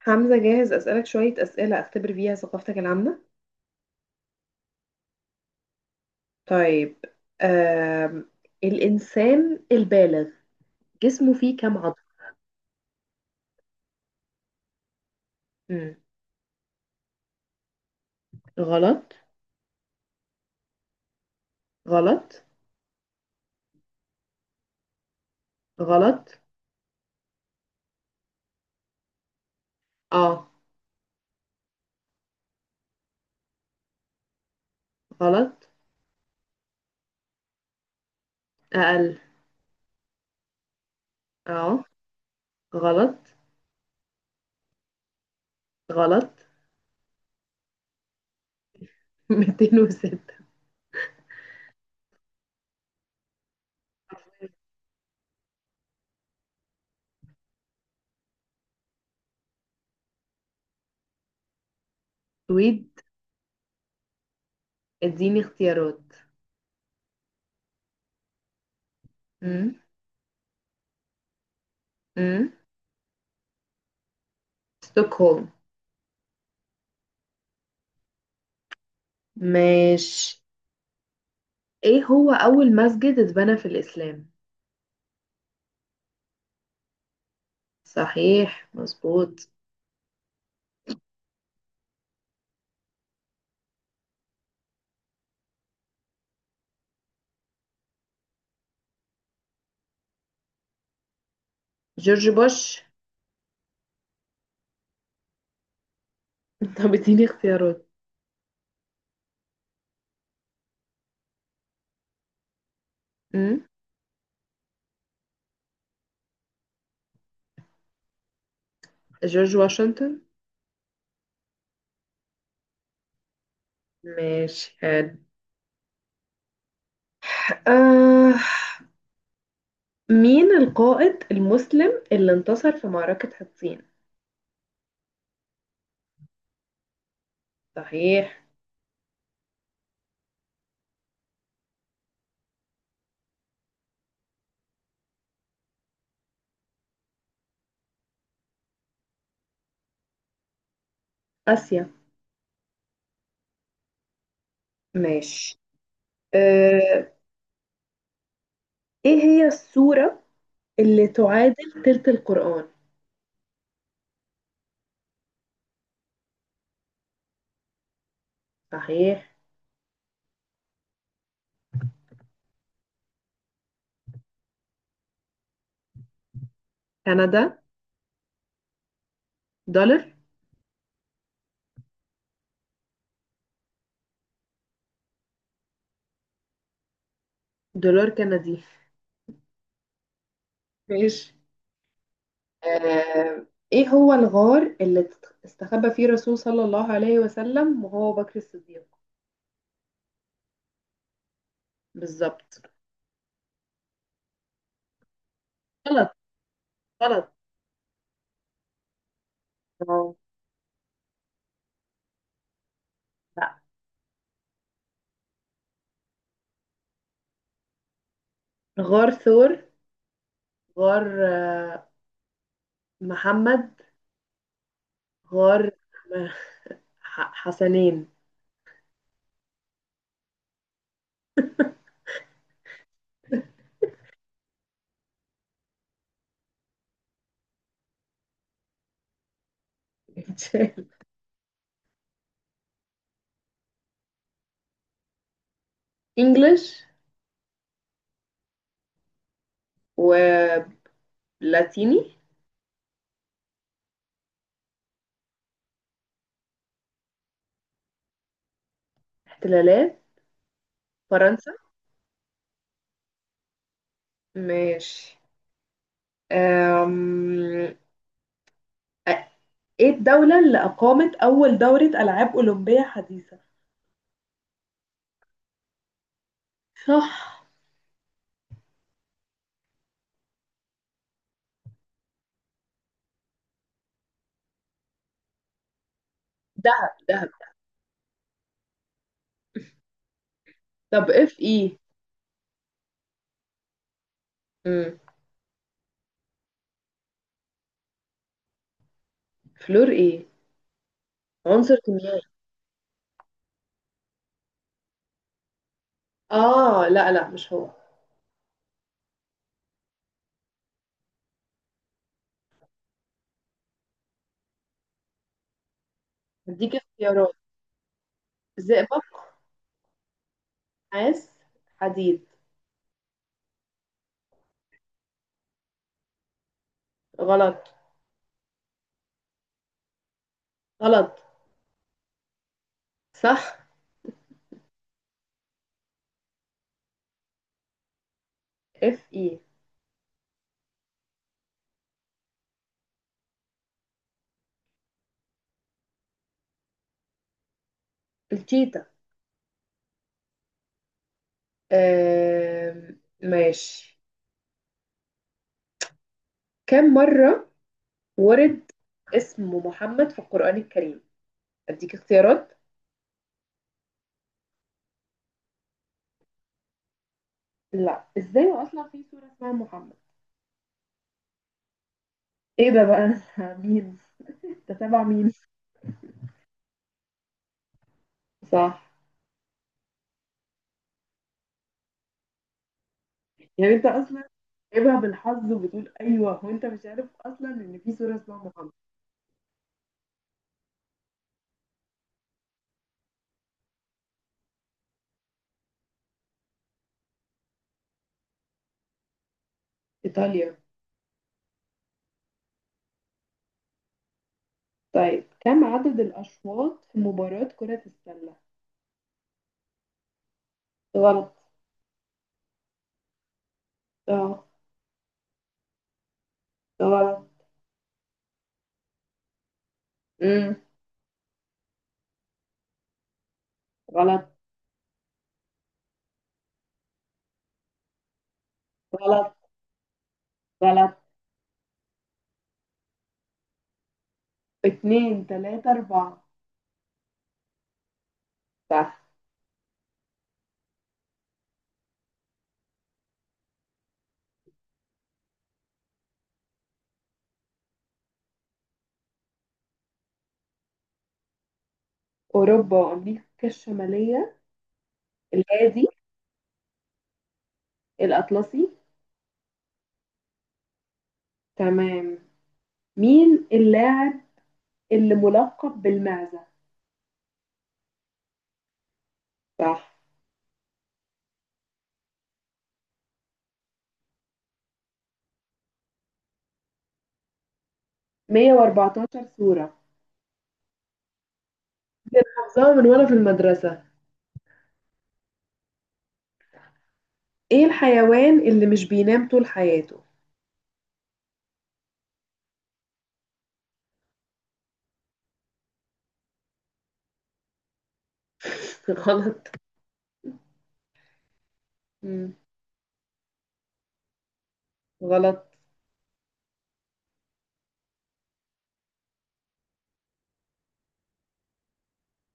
حمزة، جاهز أسألك شوية أسئلة أختبر بيها ثقافتك العامة. طيب. آم. الإنسان البالغ جسمه فيه كم عضلة؟ مم. غلط. غلط. غلط. اه. غلط. أقل. اه. غلط. غلط. 206. سويد. اديني اختيارات. مم. مم. ستوكهولم. ماشي. ايه هو أول مسجد اتبنى في الإسلام؟ صحيح، مظبوط. جورج بوش. طب اديني اختيارات. امم جورج واشنطن. ماشي، حلو. آه. مين القائد المسلم اللي انتصر في معركة حطين؟ صحيح. آسيا. ماشي. آه. ايه هي السورة اللي تعادل تلت القرآن؟ صحيح. كندا. دولار. دولار كندي. ماشي. آه. ايه هو الغار اللي استخبى فيه الرسول صلى الله عليه وسلم وهو بكر الصديق؟ بالظبط. غلط. غلط. اه. لا. غار ثور. غار. آه، محمد. غار. آه، حسنين. انجلش. ولاتيني. احتلالات. فرنسا. ماشي. أم... أ- ايه الدولة اللي أقامت أول دورة ألعاب أولمبية حديثة؟ صح. دهب دهب. طب اف ايه؟ مم. فلور ايه؟ عنصر كيميائي. اه، لا لا، مش هو. هديك اختيارات. زئبق. نحاس. حديد. غلط. غلط. صح. اف اي. التيتا. ماشي. كم مرة ورد اسم محمد في القرآن الكريم؟ اديك اختيارات. لا، ازاي اصلا في سورة اسمها محمد. ايه ده بقى؟ مين تتابع مين؟ صح. يعني انت اصلا جايبها بالحظ وبتقول ايوه وانت مش عارف اصلا ان في سورة اسمها محمد. ايطاليا. طيب كم عدد الاشواط في مباراة كرة السلة؟ غلط. اه. غلط. مم. غلط. غلط. غلط. اتنين تلاتة أربعة. صح. أوروبا وأمريكا الشمالية. الهادي. الأطلسي. تمام. مين اللاعب اللي ملقب بالمعزة؟ صح. 114 صورة. حافظاها من وأنا في المدرسة. إيه الحيوان اللي مش بينام طول حياته؟ غلط. مم. غلط.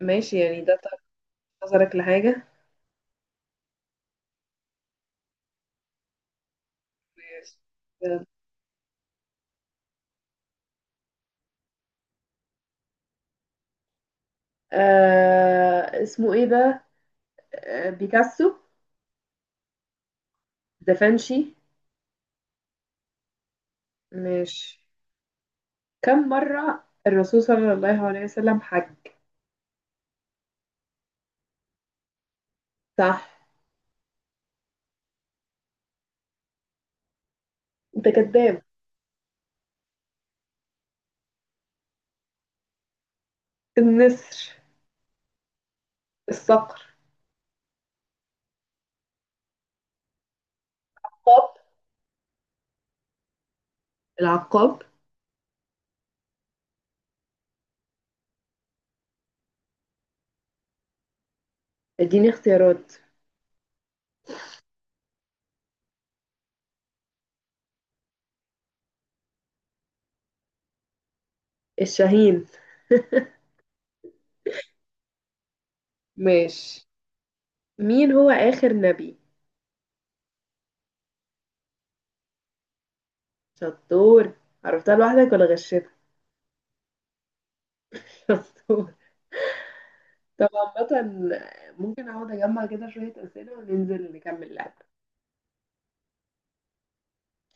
ماشي، يعني ده طرف نظرك لحاجة. ماشي. يلا. آه اسمه ايه ده؟ آه بيكاسو. دافنشي. مش كم مرة الرسول صلى الله عليه وسلم حج؟ صح. انت كذاب. النسر. الصقر. العقاب. العقاب. اديني اختيارات. الشاهين. ماشي. مين هو آخر نبي؟ شطور. عرفتها لوحدك ولا غشيتك؟ شطور. طب عامة ممكن اقعد اجمع كده شوية أسئلة وننزل نكمل لعب.